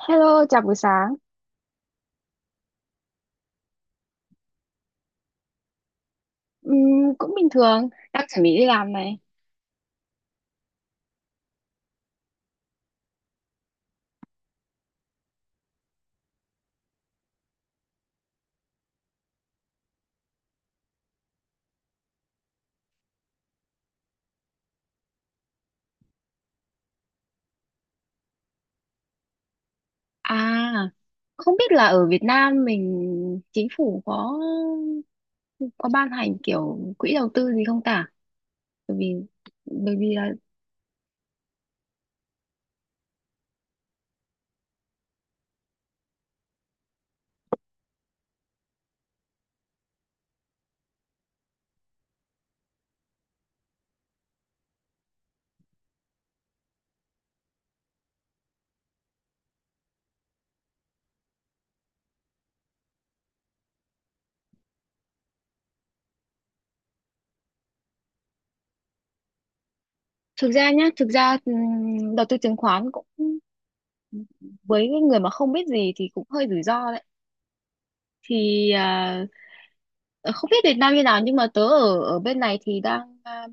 Hello, chào buổi sáng. Ừm, cũng bình thường, đang chuẩn bị đi làm này. À, không biết là ở Việt Nam mình chính phủ có ban hành kiểu quỹ đầu tư gì không ta? Bởi vì bởi vì là thực ra nhá, thực ra đầu tư chứng khoán cũng với cái người mà không biết gì thì cũng hơi rủi ro đấy. Thì à, ờ, không biết Việt Nam như nào nhưng mà tớ ở ở bên này thì đang à,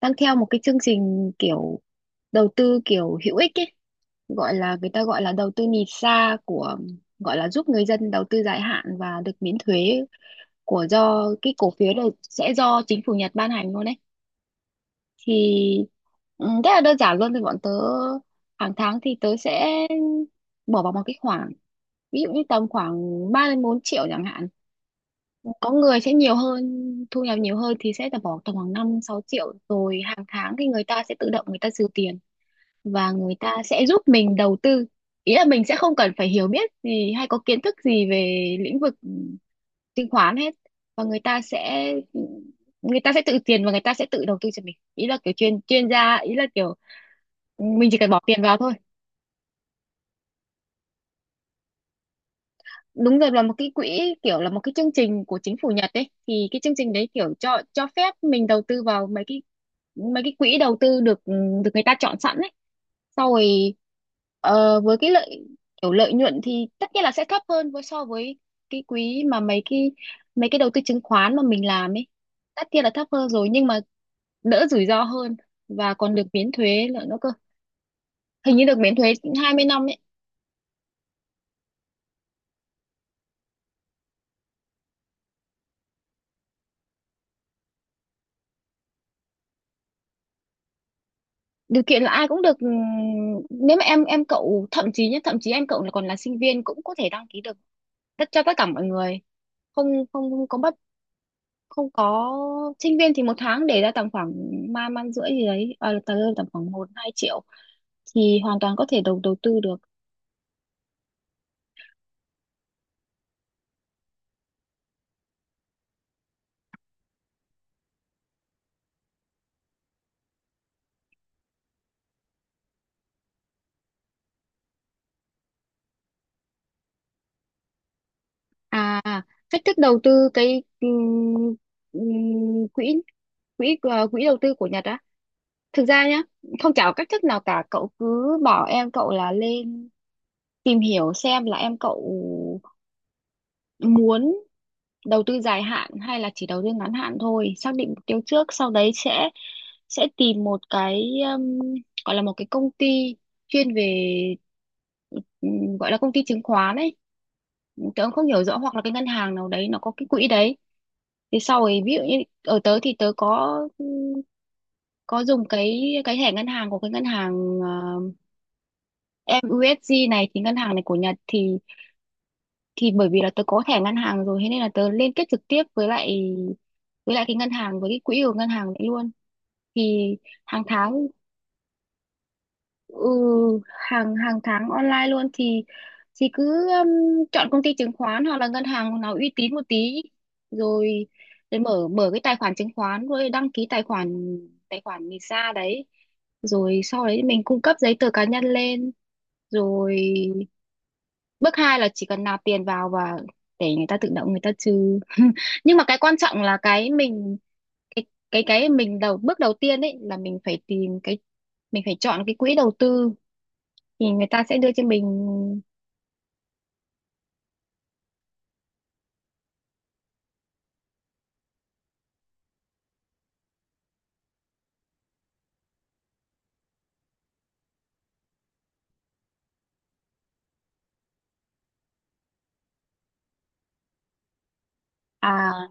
đang theo một cái chương trình kiểu đầu tư kiểu hữu ích ấy, gọi là người ta gọi là đầu tư nhìn xa của, gọi là giúp người dân đầu tư dài hạn và được miễn thuế của, do cái cổ phiếu này sẽ do chính phủ Nhật ban hành luôn đấy. Thì ừ, rất là đơn giản luôn. Thì bọn tớ hàng tháng thì tớ sẽ bỏ vào một cái khoản, ví dụ như tầm khoảng 3 đến 4 triệu chẳng hạn. Có người sẽ nhiều hơn, thu nhập nhiều hơn thì sẽ là bỏ tầm khoảng 5 6 triệu. Rồi hàng tháng thì người ta sẽ tự động người ta trừ tiền, và người ta sẽ giúp mình đầu tư. Ý là mình sẽ không cần phải hiểu biết gì hay có kiến thức gì về lĩnh vực chứng khoán hết, và người ta sẽ tự tiền và người ta sẽ tự đầu tư cho mình. Ý là kiểu chuyên chuyên gia, ý là kiểu mình chỉ cần bỏ tiền vào thôi. Đúng rồi, là một cái quỹ, kiểu là một cái chương trình của chính phủ Nhật ấy. Thì cái chương trình đấy kiểu cho phép mình đầu tư vào mấy cái quỹ đầu tư được được người ta chọn sẵn ấy. Sau rồi ờ, với cái lợi, kiểu lợi nhuận thì tất nhiên là sẽ thấp hơn với so với cái quỹ mà mấy cái đầu tư chứng khoán mà mình làm ấy. Tất nhiên là thấp hơn rồi, nhưng mà đỡ rủi ro hơn, và còn được miễn thuế nữa cơ. Hình như được miễn thuế 20 năm ấy. Điều kiện là ai cũng được, nếu mà em cậu, thậm chí nhé, thậm chí em cậu là còn là sinh viên cũng có thể đăng ký được. Tất cho tất cả mọi người, không không, không có bất không có. Sinh viên thì một tháng để ra tầm khoảng ba man rưỡi gì đấy, à, tầm tầm khoảng 1 2 triệu thì hoàn toàn có thể đầu đầu tư được. À, cách thức đầu tư cái quỹ quỹ ờ, quỹ đầu tư của Nhật á, thực ra nhá, không, chả có cách thức nào cả. Cậu cứ bảo em cậu là lên tìm hiểu xem là em cậu muốn đầu tư dài hạn hay là chỉ đầu tư ngắn hạn thôi, xác định mục tiêu trước, sau đấy sẽ tìm một cái um, gọi là một cái công ty chuyên về gọi là công ty chứng khoán ấy. Tớ cũng không hiểu rõ, hoặc là cái ngân hàng nào đấy nó có cái quỹ đấy. Thì sau ấy, ví dụ như ở tớ thì tớ có dùng cái thẻ ngân hàng của cái ngân hàng MUSG này. Thì ngân hàng này của Nhật, thì bởi vì là tớ có thẻ ngân hàng rồi, thế nên là tớ liên kết trực tiếp với lại cái ngân hàng với cái quỹ của ngân hàng đấy luôn. Thì hàng tháng, ừ, hàng hàng tháng online luôn. Thì cứ chọn công ty chứng khoán hoặc là ngân hàng nào uy tín một tí, rồi rồi mở mở cái tài khoản chứng khoán, rồi đăng ký tài khoản, visa đấy, rồi sau đấy mình cung cấp giấy tờ cá nhân lên. Rồi bước hai là chỉ cần nạp tiền vào và để người ta tự động người ta trừ. Nhưng mà cái quan trọng là cái cái mình bước đầu tiên ấy, là mình phải tìm cái, mình phải chọn cái quỹ đầu tư thì người ta sẽ đưa cho mình. À,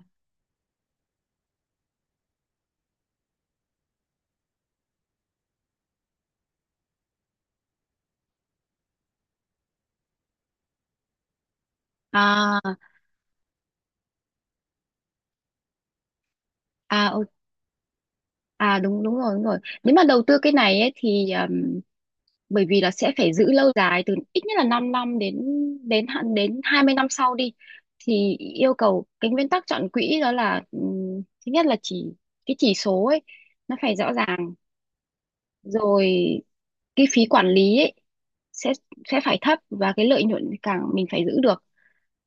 à, à, à, đúng đúng rồi, đúng rồi. Nếu mà đầu tư cái này ấy thì bởi vì là sẽ phải giữ lâu dài, từ ít nhất là 5 năm đến đến hạn, đến 20 năm sau đi. Thì yêu cầu cái nguyên tắc chọn quỹ đó là thứ nhất là cái chỉ số ấy nó phải rõ ràng, rồi cái phí quản lý ấy sẽ sẽ phải thấp, và cái lợi nhuận càng mình phải giữ được,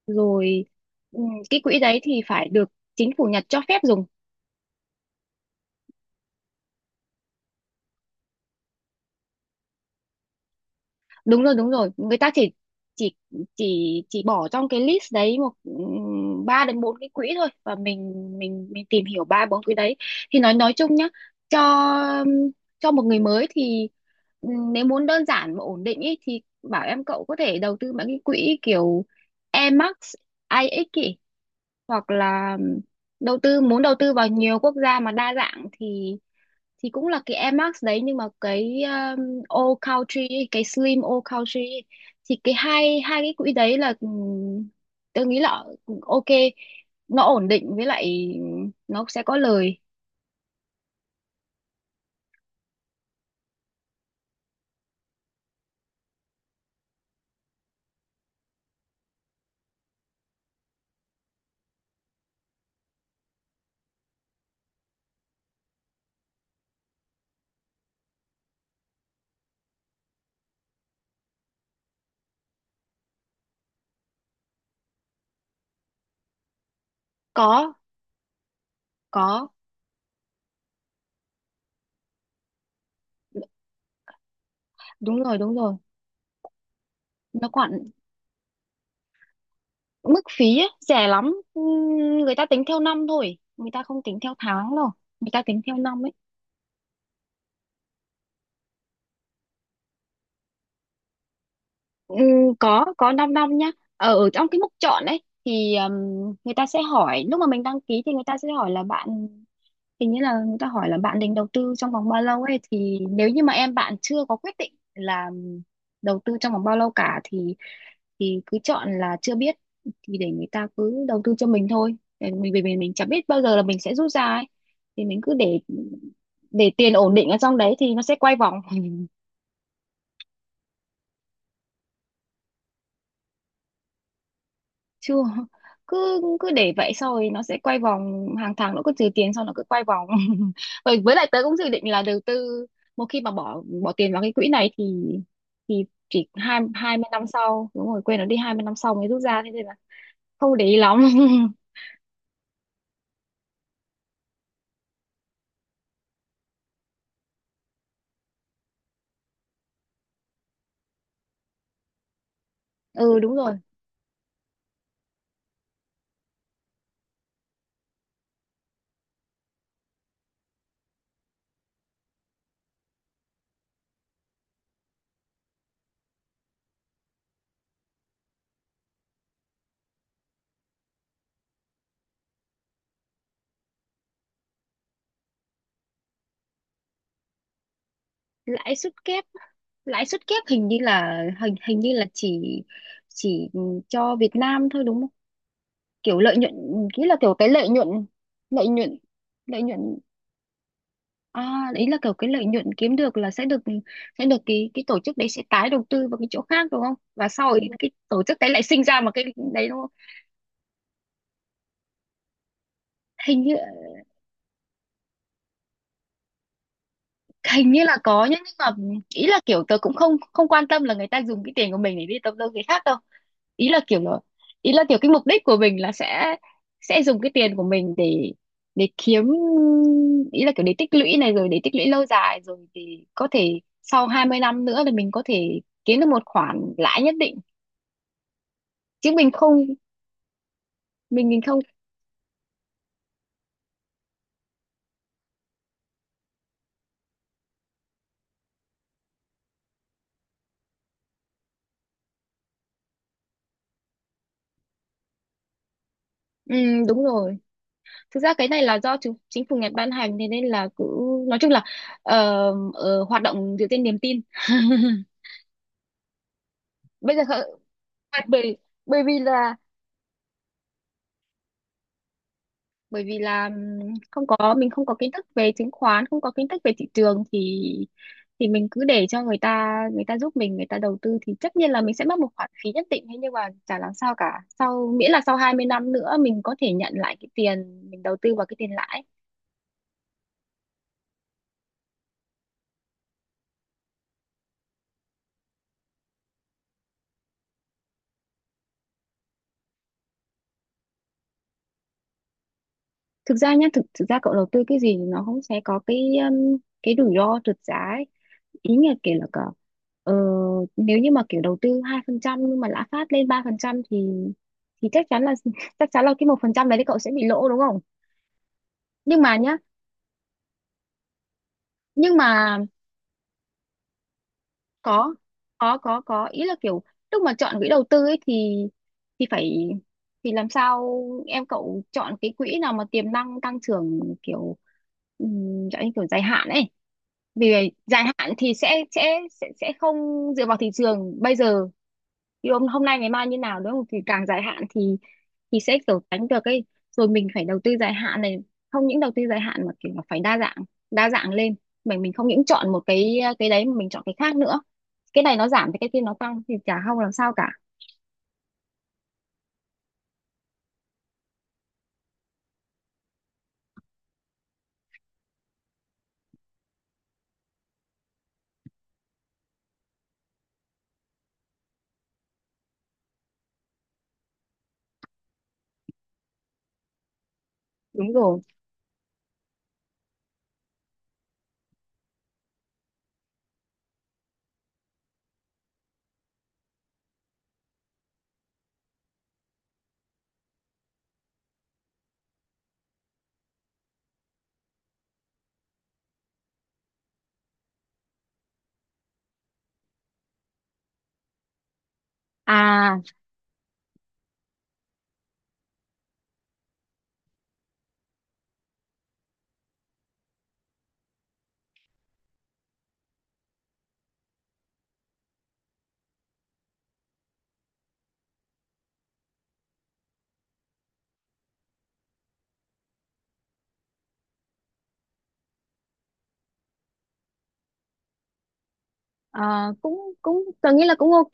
rồi cái quỹ đấy thì phải được chính phủ Nhật cho phép dùng. Đúng rồi, đúng rồi, người ta chỉ chỉ chỉ bỏ trong cái list đấy một ba đến bốn cái quỹ thôi, và mình tìm hiểu ba bốn quỹ đấy. Thì nói chung nhá, cho ừm, cho một người mới thì nếu muốn đơn giản và ổn định ý, thì bảo em cậu có thể đầu tư mấy cái quỹ kiểu Emax IX ý, hoặc là ừ, đầu tư muốn đầu tư vào nhiều quốc gia mà đa dạng thì cũng là cái Air Max đấy, nhưng mà cái All Country ấy, cái Slim All Country ấy, thì cái hai hai cái quỹ đấy là tôi nghĩ là ừ, ok, nó ổn định, với lại nó sẽ có lời. có có, đúng rồi, đúng rồi, nó còn mức phí ấy, rẻ lắm. Người ta tính theo năm thôi, người ta không tính theo tháng đâu, người ta tính theo năm ấy. Ừ, có, 5 năm nhá. Ờ, ở trong cái mục chọn ấy thì người ta sẽ hỏi, lúc mà mình đăng ký thì người ta sẽ hỏi là bạn, hình như là người ta hỏi là bạn định đầu tư trong vòng bao lâu ấy, thì nếu như mà em bạn chưa có quyết định là đầu tư trong vòng bao lâu cả thì cứ chọn là chưa biết, thì để người ta cứ đầu tư cho mình thôi. Để mình, vì mình chẳng biết bao giờ là mình sẽ rút ra ấy, thì mình cứ để tiền ổn định ở trong đấy thì nó sẽ quay vòng. Chưa, cứ cứ để vậy, sau rồi nó sẽ quay vòng, hàng tháng nó cứ trừ tiền xong nó cứ quay vòng. Rồi với lại tớ cũng dự định là đầu tư, một khi mà bỏ bỏ tiền vào cái quỹ này thì thì chỉ, hai 20 năm sau, đúng rồi, quên nó đi, 20 năm sau mới rút ra, thế nên là không để ý lắm. Ừ đúng rồi. Lãi suất kép, hình như là hình hình như là chỉ cho Việt Nam thôi đúng không? Kiểu lợi nhuận, kỹ là kiểu cái lợi nhuận, lợi nhuận lợi nhuận. À, ý là kiểu cái lợi nhuận kiếm được là sẽ được, cái tổ chức đấy sẽ tái đầu tư vào cái chỗ khác đúng không? Và sau ấy cái tổ chức đấy lại sinh ra một cái đấy đúng không? Hình như Hình như là có nhá, nhưng mà ý là kiểu tớ cũng không không quan tâm là người ta dùng cái tiền của mình để đi đầu tư cái khác đâu. Ý là kiểu là ý là kiểu cái mục đích của mình là sẽ, dùng cái tiền của mình để, kiếm, ý là kiểu để tích lũy này, rồi để tích lũy lâu dài rồi thì có thể sau 20 năm nữa thì mình có thể kiếm được một khoản lãi nhất định, chứ mình không, ừ, đúng rồi. Thực ra cái này là do chính chính phủ Nhật ban hành, thế nên là cứ, nói chung là ờ, hoạt động dựa trên niềm tin. Bây giờ bởi bởi vì là bởi vì là không có mình không có kiến thức về chứng khoán, không có kiến thức về thị trường thì mình cứ để cho người ta, người ta giúp mình, người ta đầu tư, thì tất nhiên là mình sẽ mất một khoản phí nhất định, thế nhưng mà chả làm sao cả, sau miễn là sau 20 năm nữa mình có thể nhận lại cái tiền mình đầu tư vào, cái tiền lãi. Thực ra nhá, thực thực ra cậu đầu tư cái gì thì nó cũng sẽ có um, cái rủi ro trượt giá ấy. Ý là kiểu là cả ờ, nếu như mà kiểu đầu tư 2% nhưng mà lạm phát lên 3% thì chắc chắn là, chắc chắn là cái 1% đấy thì cậu sẽ bị lỗ đúng không? Nhưng mà nhá, nhưng mà có có, ý là kiểu lúc mà chọn quỹ đầu tư ấy thì phải, thì làm sao em cậu chọn cái quỹ nào mà tiềm năng tăng trưởng kiểu um, kiểu dài hạn ấy, vì vậy dài hạn thì sẽ không dựa vào thị trường bây giờ thì hôm hôm nay ngày mai như nào đúng không, thì càng dài hạn thì sẽ kiểu tránh được ấy, rồi mình phải đầu tư dài hạn này, không những đầu tư dài hạn mà kiểu là phải đa dạng, đa dạng lên, mình không những chọn một cái đấy mà mình chọn cái khác nữa, cái này nó giảm thì cái kia nó tăng thì chả không làm sao cả. Đúng rồi, à, à cũng cũng tôi nghĩ là cũng ok.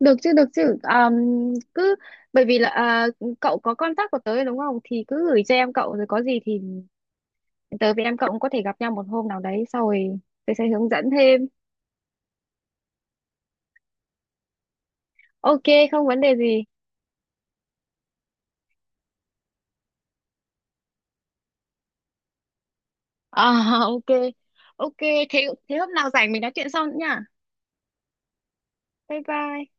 Được chứ, được chứ. Cứ, bởi vì là à, cậu có contact của tớ rồi đúng không? Thì cứ gửi cho em cậu, rồi có gì thì tớ với em cậu cũng có thể gặp nhau một hôm nào đấy, sau rồi tớ sẽ hướng dẫn thêm. Ok, không vấn đề gì. À, ok. Ok, thế thế hôm nào rảnh mình nói chuyện sau nữa nha. Bye bye.